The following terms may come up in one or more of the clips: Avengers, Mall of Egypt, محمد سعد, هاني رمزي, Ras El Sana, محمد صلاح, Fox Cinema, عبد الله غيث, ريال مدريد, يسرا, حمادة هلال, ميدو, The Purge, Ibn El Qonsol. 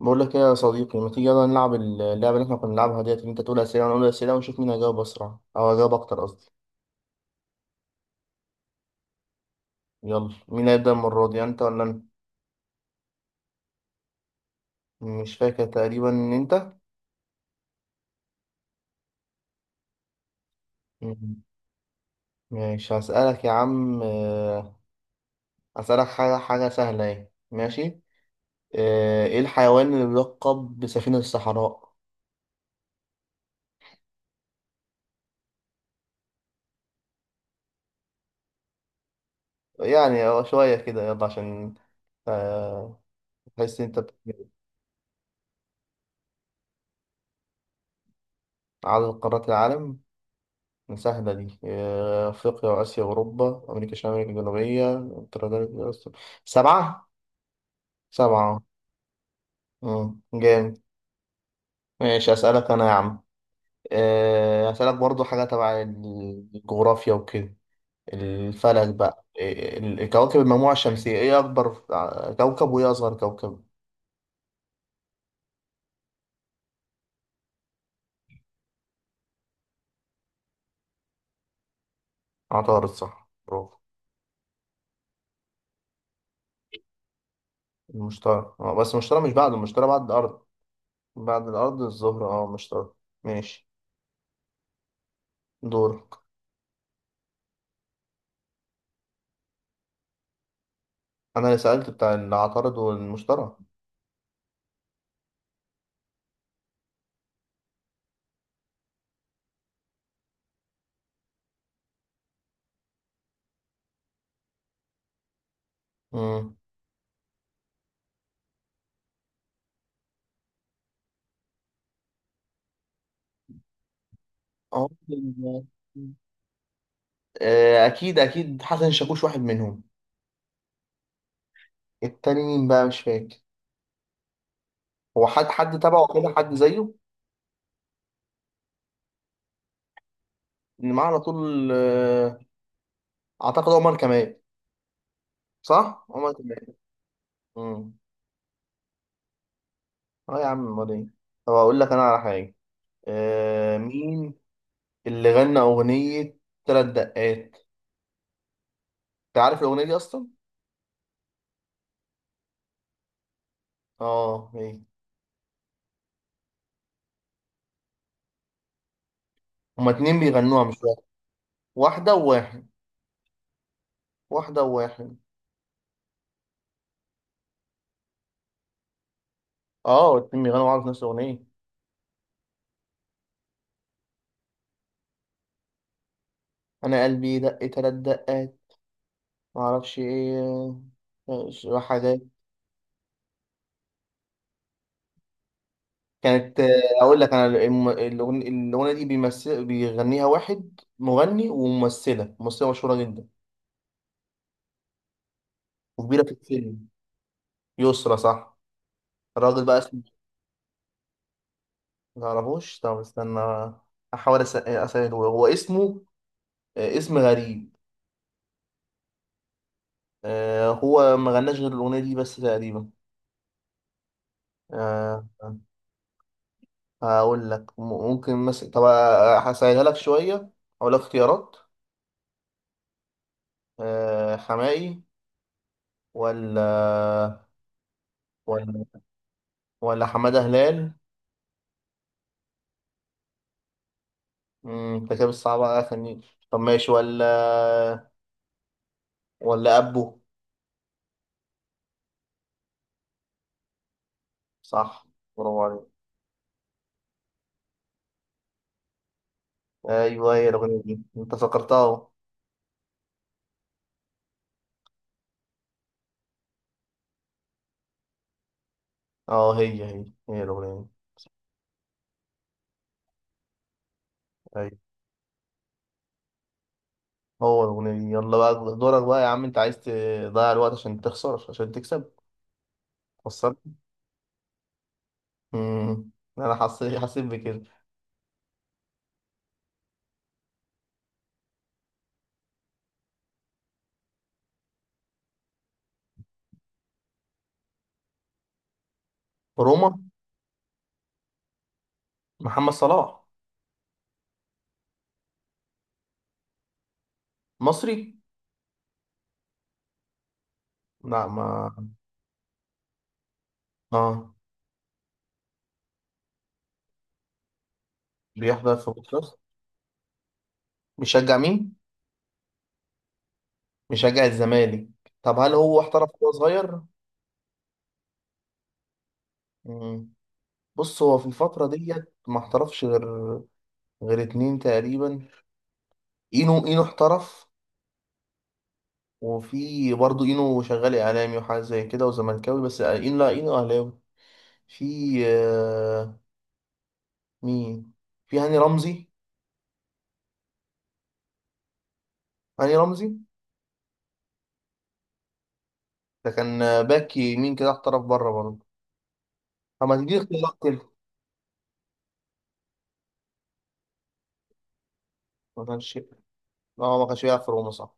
بقول لك ايه يا صديقي، ما تيجي يلا نلعب اللعبه اللي احنا كنا بنلعبها ديت، اللي انت تقول اسئله وانا اقول اسئله ونشوف مين هيجاوب اسرع او هيجاوب اكتر قصدي. يلا مين هيبدا المره دي، انت ولا انا؟ مش فاكر، تقريبا ان انت. مم. ماشي هسالك يا عم، هسالك حاجه سهله اهي، ماشي. ايه الحيوان اللي بيلقب بسفينه الصحراء؟ يعني هو شويه كده يلا عشان آه، تحس إن انت عدد قارات العالم، مساحة دي، أفريقيا وآسيا وأوروبا، أمريكا الشمالية، أمريكا الجنوبية، أستراليا، سبعة، سبعة. مم. جامد. ماشي أسألك أنا يا عم، أسألك برضو حاجة تبع الجغرافيا وكده، الفلك بقى، كواكب المجموعة الشمسية، إيه أكبر كوكب وإيه أصغر كوكب؟ عطارد صح، برافو. المشتري. بس المشتري مش بعد، المشتري بعد الأرض. بعد الأرض الزهرة المشتري. ماشي، دورك. أنا اللي سألت بتاع العطارد والمشتري. مم. عمر اكيد اكيد حسن شاكوش واحد منهم. التاني مين بقى، مش فاكر. هو حد تبعه كده، حد زيه. اللي معاه على طول، اعتقد عمر كمال. صح عمر كمال. امم اه يا عم، امال ايه. طب اقول لك انا على حاجه، مين اللي غنى اغنيه ثلاث دقات؟ انت عارف الاغنيه دي اصلا؟ اه، ايه. هما اتنين بيغنوها مش واحد. واحده وواحد. واحده وواحد. اه، الاتنين بيغنوا مع بعض في نفس الاغنيه. انا قلبي دق ثلاث دقات، ما اعرفش ايه. وحدات كانت، اقول لك انا الاغنيه دي بيمثل بيغنيها واحد مغني وممثله مشهوره جدا وكبيره في السن. يسرا صح. الراجل بقى اسمه ما تعرفوش. طب استنى، احاول اسأله، هو اسمه اسم غريب. هو ما غناش غير الاغنيه دي بس تقريبا. آه، هقول لك ممكن مثلا، طب هسهلها لك شويه، هقول لك اختيارات. حماقي؟ ولا، ولا، ولا حمادة هلال؟ انت كده صعب على، خليني. طب ماشي، ولا ولا أبو؟ صح، برافو عليك. أيوه هي الأغنية دي، أنت فكرتها أهو. أه هي الأغنية دي. أيوه. هو الأغنية دي، يلا بقى دورك بقى يا عم، أنت عايز تضيع الوقت عشان تخسر عشان تكسب؟ خسرت. مم، أنا حسيت بكده. روما. محمد صلاح. مصري. لا، ما أه. بيحضر في بودكاست. بيشجع مين؟ مشجع الزمالك. طب هل هو احترف وهو صغير؟ مم. بص هو في الفترة ديت ما احترفش غير، غير اتنين تقريبا. اينو احترف. وفي برضه اينو شغال اعلامي وحاجة زي كده وزملكاوي بس، اينو، لا اينو اهلاوي. في، آه، مين؟ في هاني رمزي، هاني رمزي ده كان باك يمين كده، احترف بره برضه. طب ما تديني اختيارات كده. ما كانش. اه ما كانش بيلعب في روما، صح.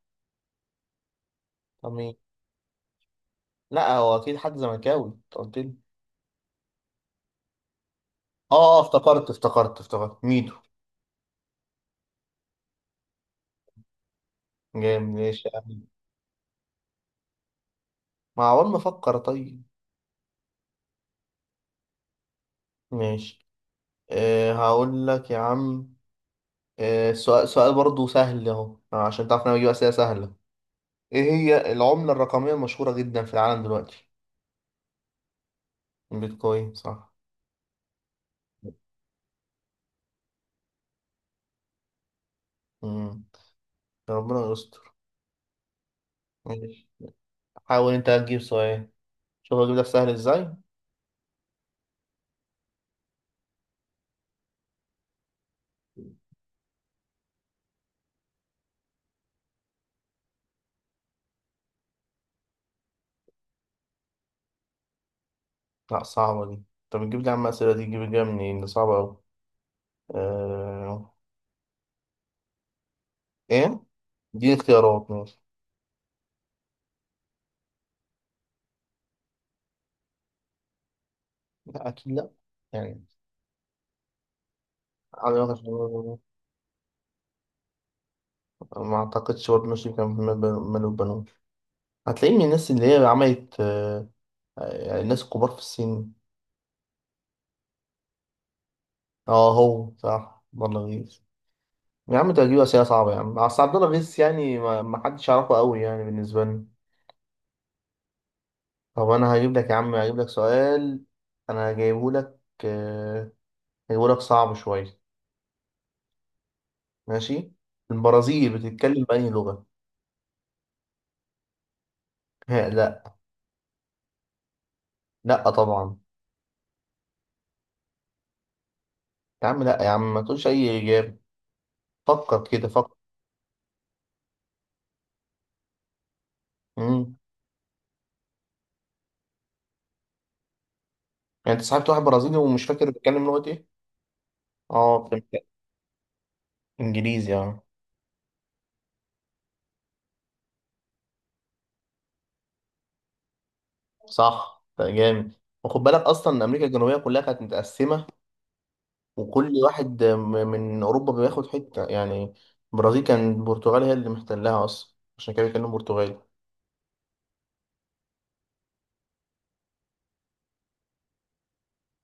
طب مين؟ لا، هو اكيد حد زملكاوي انت قلت لي. اه، افتكرت افتكرت افتكرت ميدو. جامد، ماشي يا عم. ما عمال بفكر طيب. ماشي. أه هقول لك يا عم، أه سؤال سؤال برضه سهل اهو عشان تعرف إن انا بجيب اسئله سهله. ايه هي العمله الرقميه المشهوره جدا في العالم دلوقتي؟ البيتكوين صح. امم يا ربنا يستر. ماشي. حاول انت هتجيب سؤال، شوف هجيب لك سهل ازاي. لا، صعبه دي. طب تجيب لي يا عم، اسئله دي تجيب لي منين، دي صعبه قوي. أه... ايه دي اختيارات، ماشي. لا اكيد لا، يعني. على وجه النظر، ما اعتقدش برضه، ماشي. كان من مال وبنون، هتلاقيه من الناس اللي هي عملت، يعني الناس الكبار في السن. اه، هو صح عبد الله غيث. يا عم ده هتجيب أسئلة صعبة يا عم، أصل عبد الله غيث يعني ما حدش يعرفه قوي يعني بالنسبة لي. طب أنا هجيب لك يا عم، هجيب لك سؤال، أنا جايبه لك، آه، هجيبه لك صعب شوية. ماشي. البرازيل بتتكلم بأنهي لغة؟ لا. لا طبعا. يا عم لا يا عم، ما تقولش أي إجابة، فكر كده، فكر. يعني انت صاحبت واحد برازيلي ومش فاكر بيتكلم لغة ايه؟ اه، فهمت. انجليزي، اه. صح، ده جامد. وخد بالك اصلا ان امريكا الجنوبية كلها كانت متقسمة، وكل واحد من اوروبا بياخد حتة يعني. البرازيل كان البرتغال هي اللي محتلها اصلا، عشان كده بيتكلم برتغالي.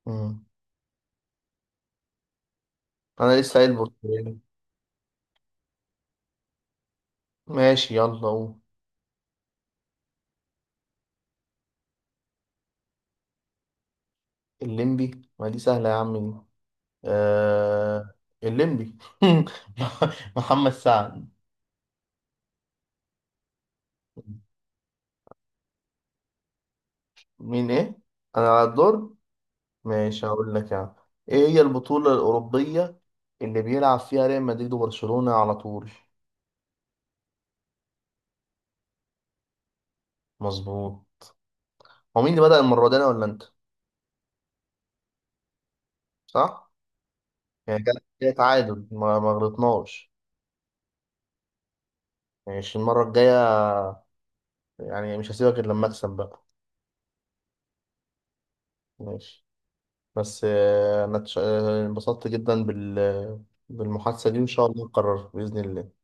مم. انا لسه قايل برتغالي. ماشي يلا قوم. الليمبي، ما دي سهلة يا عم دي، آه... الليمبي. محمد سعد. مين ايه؟ انا على الدور. ماشي هقول لك، يعني ايه هي البطولة الأوروبية اللي بيلعب فيها ريال مدريد وبرشلونة على طول؟ مظبوط. هو مين اللي بدأ المرة دي، انا ولا انت؟ صح. يعني جه تعادل ما غلطناش. ماشي المرة الجاية، يعني مش هسيبك إلا لما أكسب بقى. ماشي. بس أنا انبسطت جدا بالمحادثة دي، وإن شاء الله نكررها بإذن الله.